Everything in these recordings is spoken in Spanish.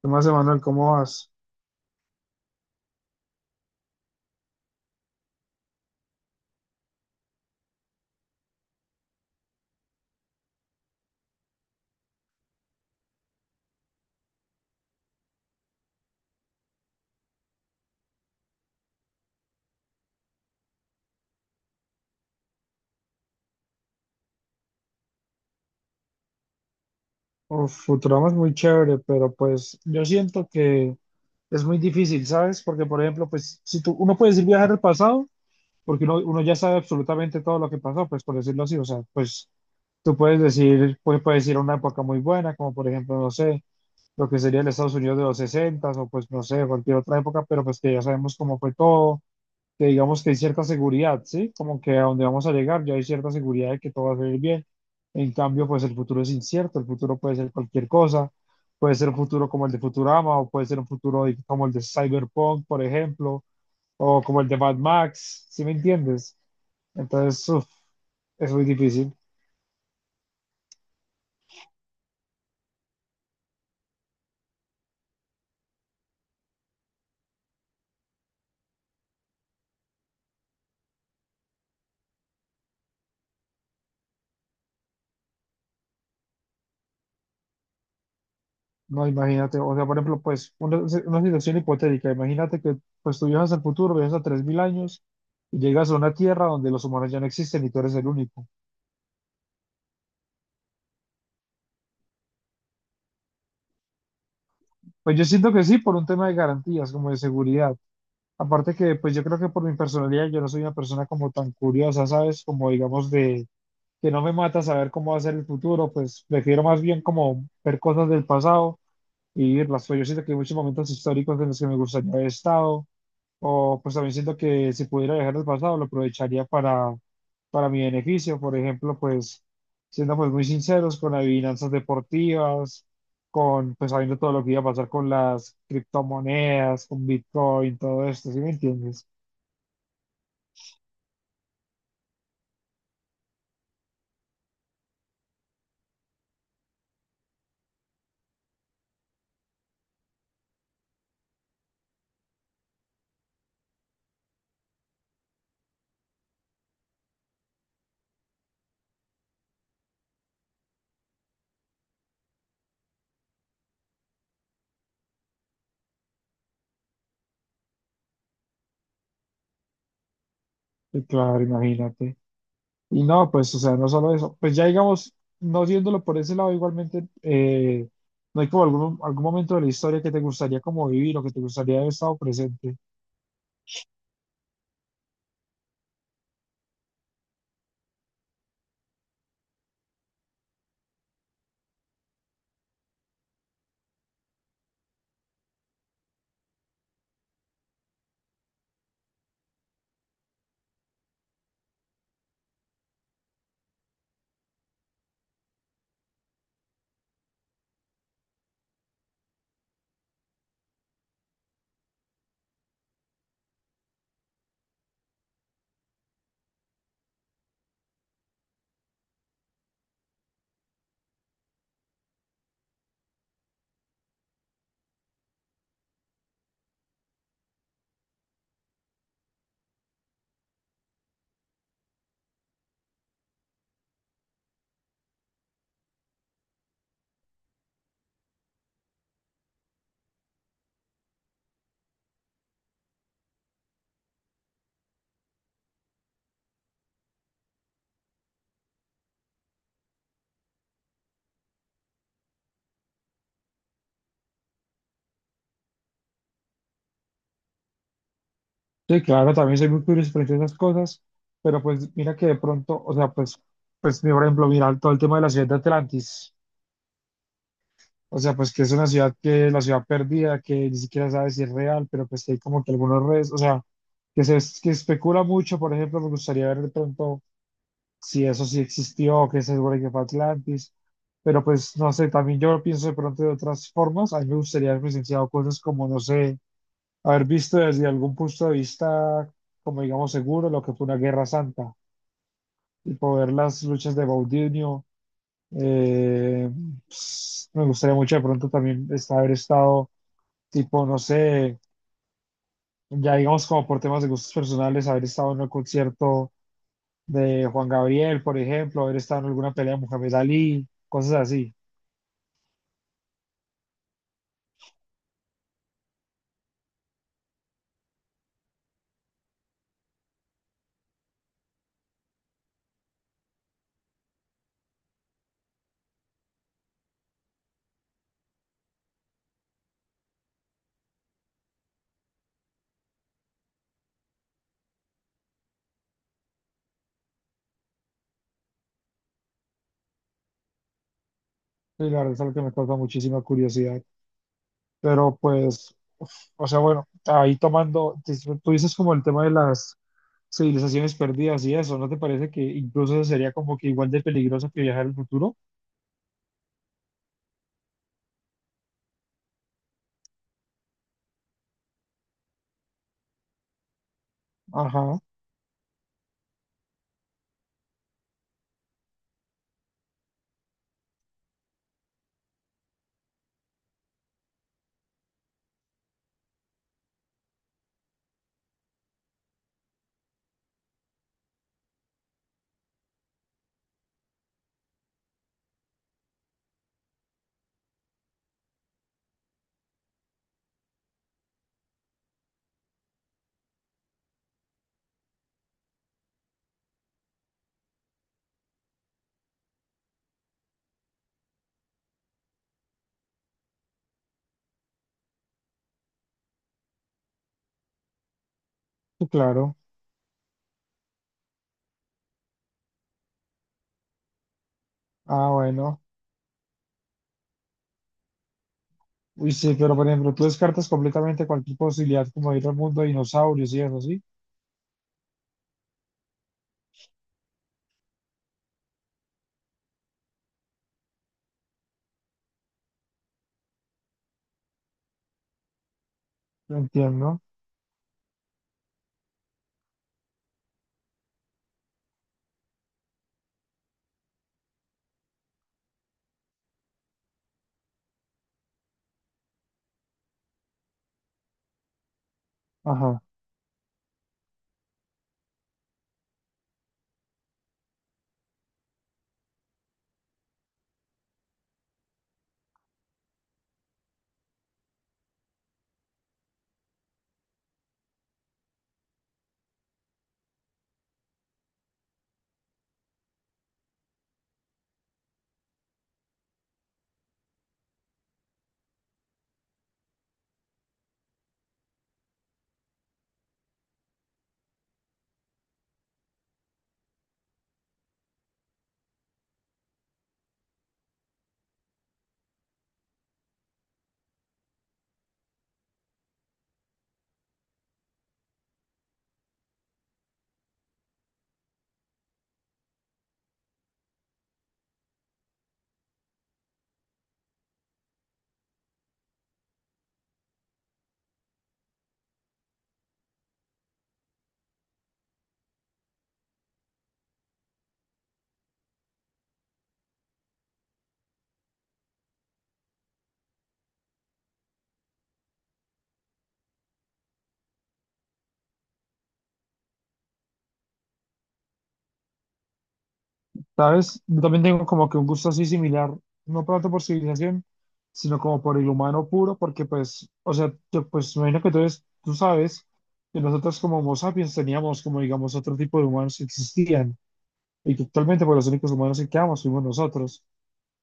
¿Qué más, Emanuel? ¿Cómo vas? Uf, Futurama es muy chévere, pero pues yo siento que es muy difícil, ¿sabes? Porque, por ejemplo, pues si tú, uno puede decir viajar al pasado, porque uno ya sabe absolutamente todo lo que pasó, pues por decirlo así, o sea, pues tú puedes decir, pues puedes ir a una época muy buena, como por ejemplo, no sé, lo que sería el Estados Unidos de los 60 o pues no sé, cualquier otra época, pero pues que ya sabemos cómo fue todo, que digamos que hay cierta seguridad, ¿sí? Como que a donde vamos a llegar ya hay cierta seguridad de que todo va a salir bien. En cambio, pues el futuro es incierto, el futuro puede ser cualquier cosa, puede ser un futuro como el de Futurama o puede ser un futuro como el de Cyberpunk, por ejemplo, o como el de Mad Max, ¿sí me entiendes? Entonces, uf, es muy difícil. No, imagínate, o sea, por ejemplo, pues una situación hipotética, imagínate que pues tú viajas al futuro, viajas a 3000 años y llegas a una tierra donde los humanos ya no existen y tú eres el único. Pues yo siento que sí, por un tema de garantías, como de seguridad. Aparte que, pues yo creo que por mi personalidad, yo no soy una persona como tan curiosa, ¿sabes? Como digamos de que no me mata saber cómo va a ser el futuro, pues prefiero más bien como ver cosas del pasado y vivirlas. Pues yo siento que hay muchos momentos históricos en los que me gustaría haber estado, o pues también siento que si pudiera viajar al pasado, lo aprovecharía para mi beneficio. Por ejemplo, pues siendo pues muy sinceros con adivinanzas deportivas, con pues sabiendo todo lo que iba a pasar con las criptomonedas, con Bitcoin, todo esto, ¿sí me entiendes? Y claro, imagínate. Y no, pues, o sea, no solo eso. Pues ya digamos, no viéndolo por ese lado, igualmente, ¿no hay como algún momento de la historia que te gustaría como vivir o que te gustaría haber estado presente? Sí, claro, también soy muy curioso frente a esas cosas, pero pues mira que de pronto, o sea, pues, pues mira, por ejemplo, mira todo el tema de la ciudad de Atlantis, o sea, pues que es una ciudad que es la ciudad perdida, que ni siquiera sabe si es real, pero pues que hay como que algunos redes, o sea, que se que especula mucho, por ejemplo, me gustaría ver de pronto si eso sí existió, que se supone que fue Atlantis, pero pues no sé, también yo pienso de pronto de otras formas, a mí me gustaría haber presenciado cosas como, no sé, haber visto desde algún punto de vista, como digamos, seguro lo que fue una guerra santa, y poder las luchas de Baudinio. eh, pues, me gustaría mucho de pronto también haber estado, tipo, no sé, ya digamos como por temas de gustos personales, haber estado en un concierto de Juan Gabriel, por ejemplo, haber estado en alguna pelea de Muhammad Ali, cosas así. Y la verdad es algo que me causa muchísima curiosidad. Pero pues, o sea, bueno, ahí tomando, tú dices como el tema de las civilizaciones perdidas y eso, ¿no te parece que incluso eso sería como que igual de peligroso que viajar al futuro? Ajá, sí, claro. Ah, bueno. Uy, sí, pero por ejemplo, tú descartas completamente cualquier posibilidad como ir al mundo de dinosaurios y eso, ¿sí? Lo entiendo. Ajá. ¿Sabes? Yo también tengo como que un gusto así similar, no tanto por civilización, sino como por el humano puro, porque pues, o sea, yo pues me imagino que tú, tú sabes que nosotros como Homo sapiens teníamos como digamos otro tipo de humanos que existían. Y que actualmente, pues los únicos humanos que quedamos fuimos nosotros.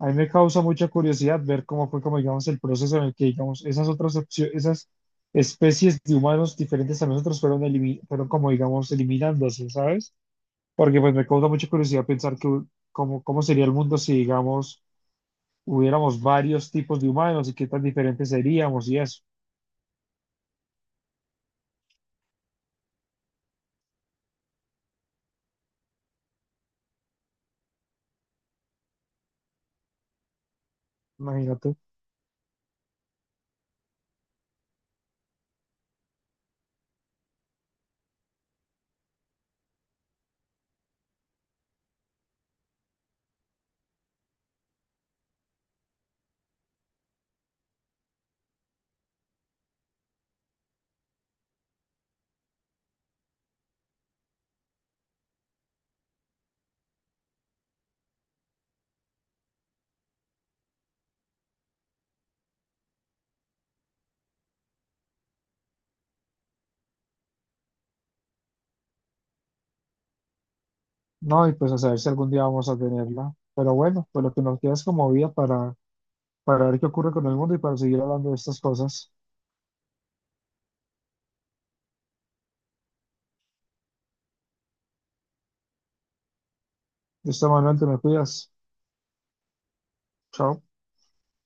A mí me causa mucha curiosidad ver cómo fue, como digamos, el proceso en el que, digamos, esas esas especies de humanos diferentes a nosotros fueron, fueron como, digamos, eliminándose, ¿sabes? Porque pues me causa mucha curiosidad pensar que, cómo, cómo sería el mundo si, digamos, hubiéramos varios tipos de humanos y qué tan diferentes seríamos y eso. Imagínate. No, y pues a saber si algún día vamos a tenerla. Pero bueno, pues lo que nos queda es como vida para ver qué ocurre con el mundo y para seguir hablando de estas cosas. Listo, Manuel, te me cuidas. Chao.